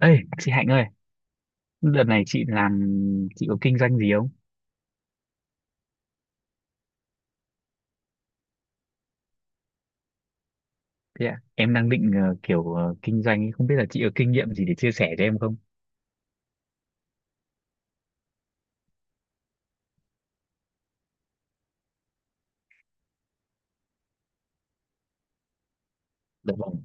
Ê, chị Hạnh ơi, đợt này chị làm chị có kinh doanh gì không? Thế ạ, em đang định kiểu kinh doanh ấy, không biết là chị có kinh nghiệm gì để chia sẻ cho em không? Dạ vâng,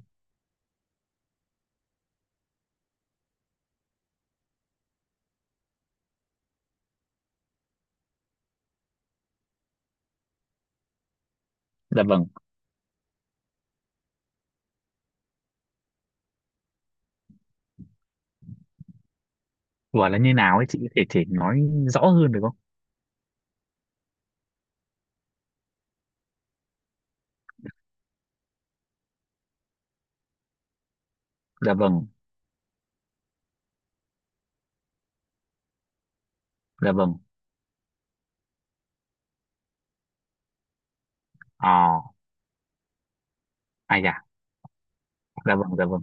dạ vâng. Gọi là như nào ấy chị có thể thể nói rõ hơn được không? Dạ vâng, dạ vâng. À, ai dạ, dạ vâng, dạ vâng.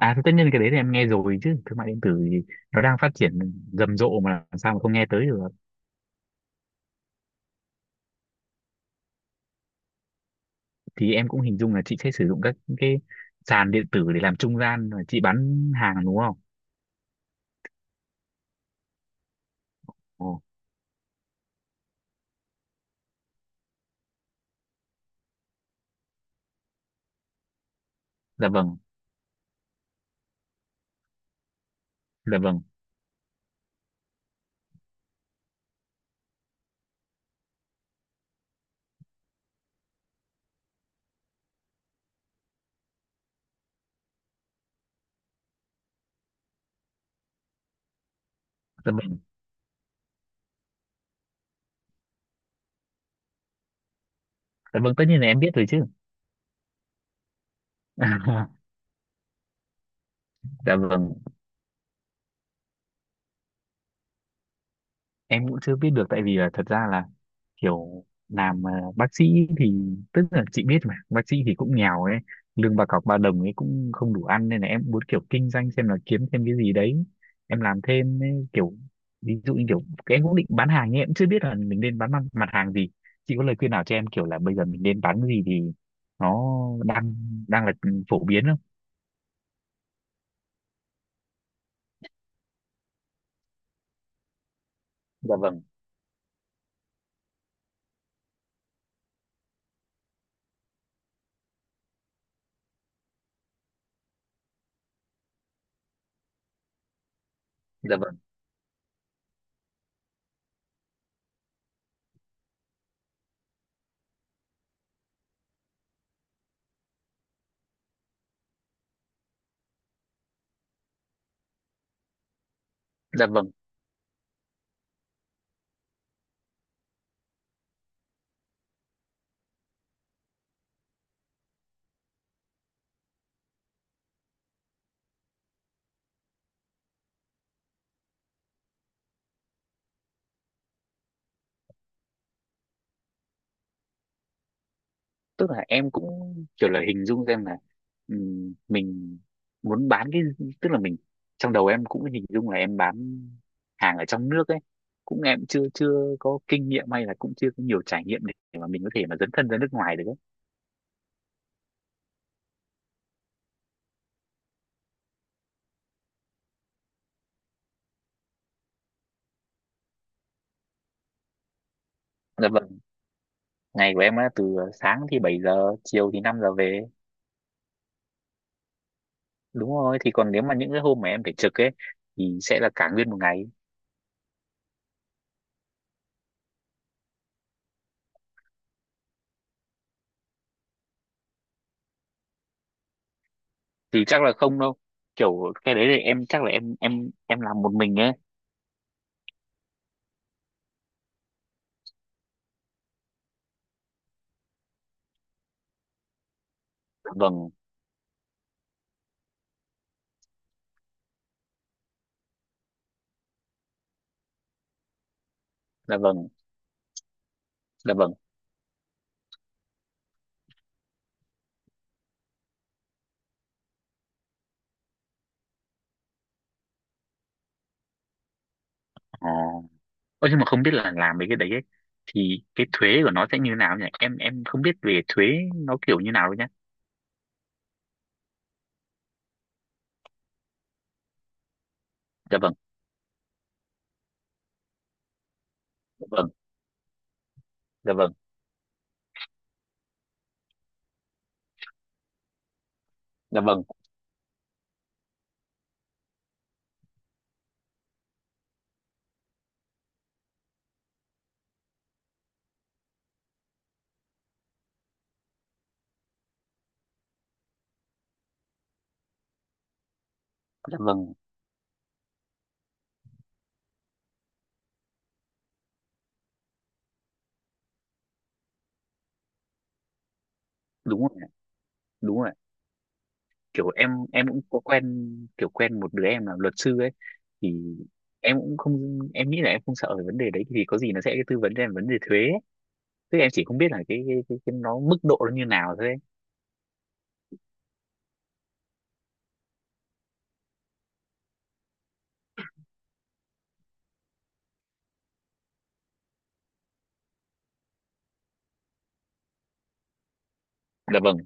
À, thì tất nhiên cái đấy thì em nghe rồi chứ, thương mại điện tử thì nó đang phát triển rầm rộ mà, làm sao mà không nghe tới được. Thì em cũng hình dung là chị sẽ sử dụng các cái sàn điện tử để làm trung gian và chị bán hàng, đúng không? Ồ, dạ vâng, dạ vâng, dạ vâng. Dạ vâng, tất nhiên là em biết rồi chứ. Dạ vâng, em cũng chưa biết được, tại vì là thật ra là kiểu làm bác sĩ thì, tức là chị biết mà, bác sĩ thì cũng nghèo ấy, lương bà cọc ba đồng ấy cũng không đủ ăn nên là em muốn kiểu kinh doanh xem là kiếm thêm cái gì đấy. Em làm thêm ấy, kiểu ví dụ như kiểu cái em cũng định bán hàng nhưng em cũng chưa biết là mình nên bán mặt hàng gì. Chị có lời khuyên nào cho em kiểu là bây giờ mình nên bán cái gì thì nó đang đang là phổ biến không? Dạ vâng, dạ vâng, dạ vâng. Tức là em cũng kiểu là hình dung xem là mình muốn bán cái, tức là mình, trong đầu em cũng hình dung là em bán hàng ở trong nước ấy. Cũng em chưa chưa có kinh nghiệm hay là cũng chưa có nhiều trải nghiệm để mà mình có thể mà dấn thân ra nước ngoài được ấy. Dạ vâng, ngày của em á, từ sáng thì 7 giờ, chiều thì 5 giờ về. Đúng rồi, thì còn nếu mà những cái hôm mà em phải trực ấy thì sẽ là cả nguyên một ngày. Thì chắc là không đâu. Kiểu cái đấy thì em chắc là em làm một mình ấy. Dạ vâng, dạ vâng, dạ vâng. À. Ơ, nhưng mà không biết là làm mấy cái đấy ấy, thì cái thuế của nó sẽ như nào nhỉ? Em không biết về thuế nó kiểu như nào đâu nhá. Dạ vâng, dạ vâng, dạ vâng, dạ vâng, dạ vâng, đúng rồi, ạ, đúng rồi, ạ. Kiểu em cũng có quen, kiểu quen một đứa em là luật sư ấy, thì em cũng không, em nghĩ là em không sợ về vấn đề đấy, thì có gì nó sẽ tư vấn cho em vấn đề thuế ấy. Tức em chỉ không biết là cái nó mức độ nó như nào thôi ấy. Dạ vâng,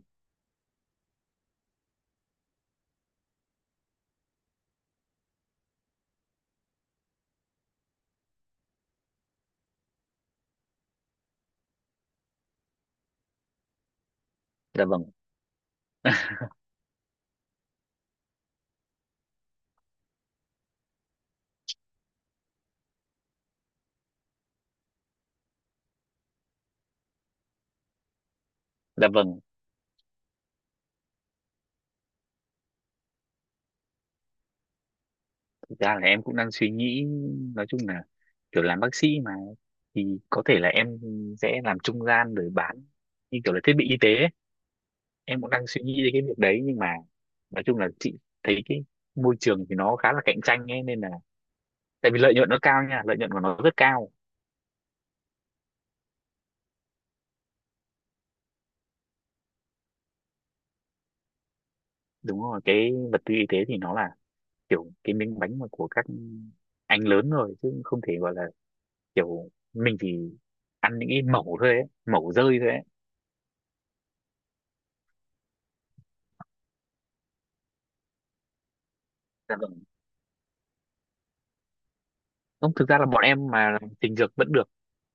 dạ vâng, dạ vâng. Thực ra là em cũng đang suy nghĩ, nói chung là kiểu làm bác sĩ mà, thì có thể là em sẽ làm trung gian rồi bán như kiểu là thiết bị y tế ấy. Em cũng đang suy nghĩ đến cái việc đấy nhưng mà nói chung là chị thấy cái môi trường thì nó khá là cạnh tranh ấy, nên là, tại vì lợi nhuận nó cao nha, lợi nhuận của nó rất cao. Đúng rồi, cái vật tư y tế thì nó là kiểu cái miếng bánh mà của các anh lớn rồi, chứ không thể gọi là kiểu mình chỉ ăn những cái mẩu thôi ấy, mẩu rơi thôi ấy. Dạ vâng. Không, thực ra là bọn em mà làm trình dược vẫn được.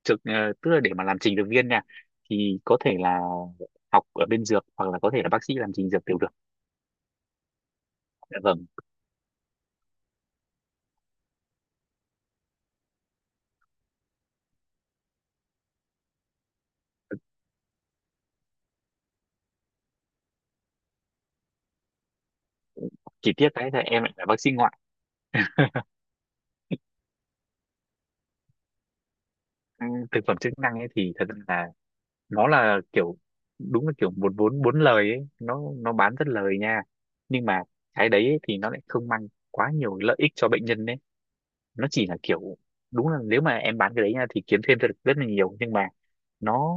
Trực, tức là để mà làm trình dược viên nha, thì có thể là học ở bên dược hoặc là có thể là bác sĩ làm trình dược đều được. Dạ vâng, chỉ tiếc cái là em lại là bác sĩ ngoại. Ừ, thực phẩm chức năng ấy thì thật ra là nó là kiểu đúng là kiểu một vốn bốn lời ấy, nó bán rất lời nha. Nhưng mà cái đấy ấy thì nó lại không mang quá nhiều lợi ích cho bệnh nhân ấy. Nó chỉ là kiểu, đúng là nếu mà em bán cái đấy nha thì kiếm thêm được rất là nhiều, nhưng mà nó,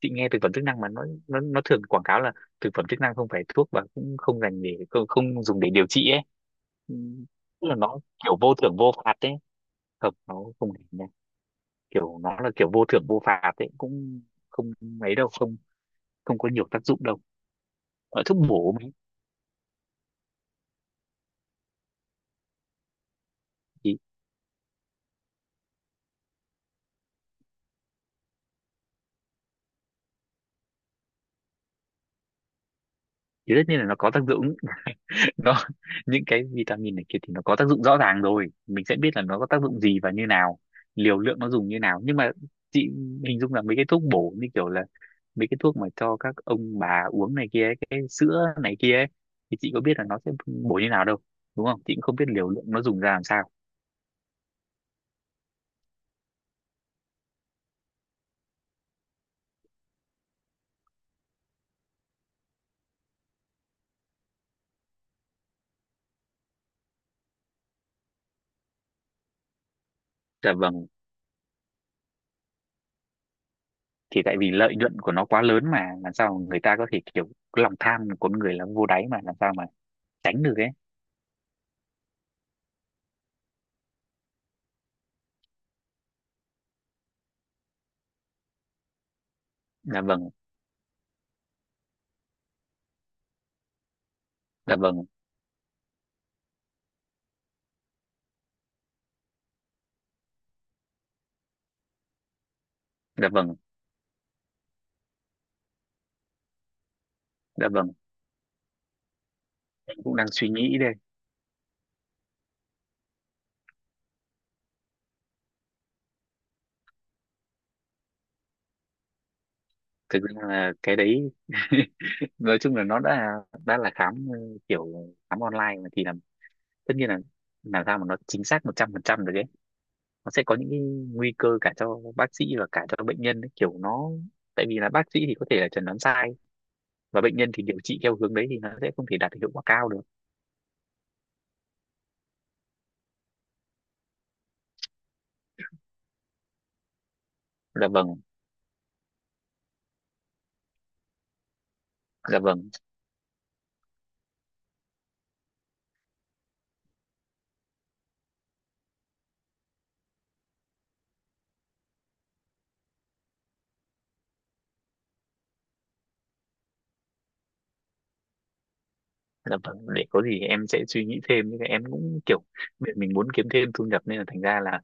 chị nghe thực phẩm chức năng mà nó nó thường quảng cáo là thực phẩm chức năng không phải thuốc và cũng không dành để không dùng để điều trị ấy. Ừ, tức là nó kiểu vô thưởng vô phạt ấy, hợp nó không hề nha, kiểu nó là kiểu vô thưởng vô phạt ấy, cũng không mấy đâu, không, không có nhiều tác dụng đâu ở thuốc bổ mấy. thì thì tất nhiên là nó có tác dụng, nó những cái vitamin này kia thì nó có tác dụng rõ ràng rồi, mình sẽ biết là nó có tác dụng gì và như nào, liều lượng nó dùng như nào. Nhưng mà chị hình dung là mấy cái thuốc bổ như kiểu là mấy cái thuốc mà cho các ông bà uống này kia ấy, cái sữa này kia ấy, thì chị có biết là nó sẽ bổ như nào đâu, đúng không, chị cũng không biết liều lượng nó dùng ra làm sao. Dạ vâng, thì tại vì lợi nhuận của nó quá lớn mà, làm sao mà người ta có thể kiểu, cái lòng tham của con người là vô đáy mà, làm sao mà tránh được ấy. Dạ vâng, dạ vâng, dạ vâng, dạ vâng. Em cũng đang suy nghĩ đây, thực ra là cái đấy nói chung là nó đã là khám kiểu khám online mà, thì là tất nhiên là làm sao mà nó chính xác 100% được ấy. Nó sẽ có những cái nguy cơ cả cho bác sĩ và cả cho bệnh nhân ấy. Kiểu nó, tại vì là bác sĩ thì có thể là chẩn đoán sai và bệnh nhân thì điều trị theo hướng đấy thì nó sẽ không thể đạt được hiệu quả cao được. Dạ vâng, dạ vâng, dạ vâng, để có gì em sẽ suy nghĩ thêm, nhưng mà em cũng kiểu mình muốn kiếm thêm thu nhập nên là thành ra là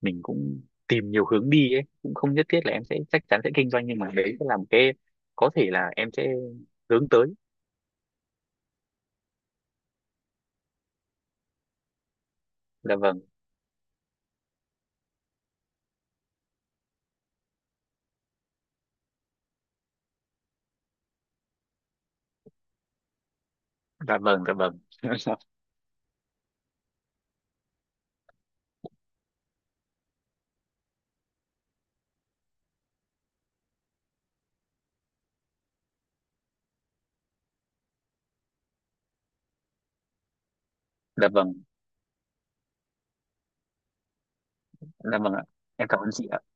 mình cũng tìm nhiều hướng đi ấy, cũng không nhất thiết là em sẽ chắc chắn sẽ kinh doanh, nhưng mà đấy sẽ là một cái có thể là em sẽ hướng tới. Dạ vâng, dạ vâng, dạ vâng. Dạ vâng, dạ vâng ạ, em cảm ơn chị.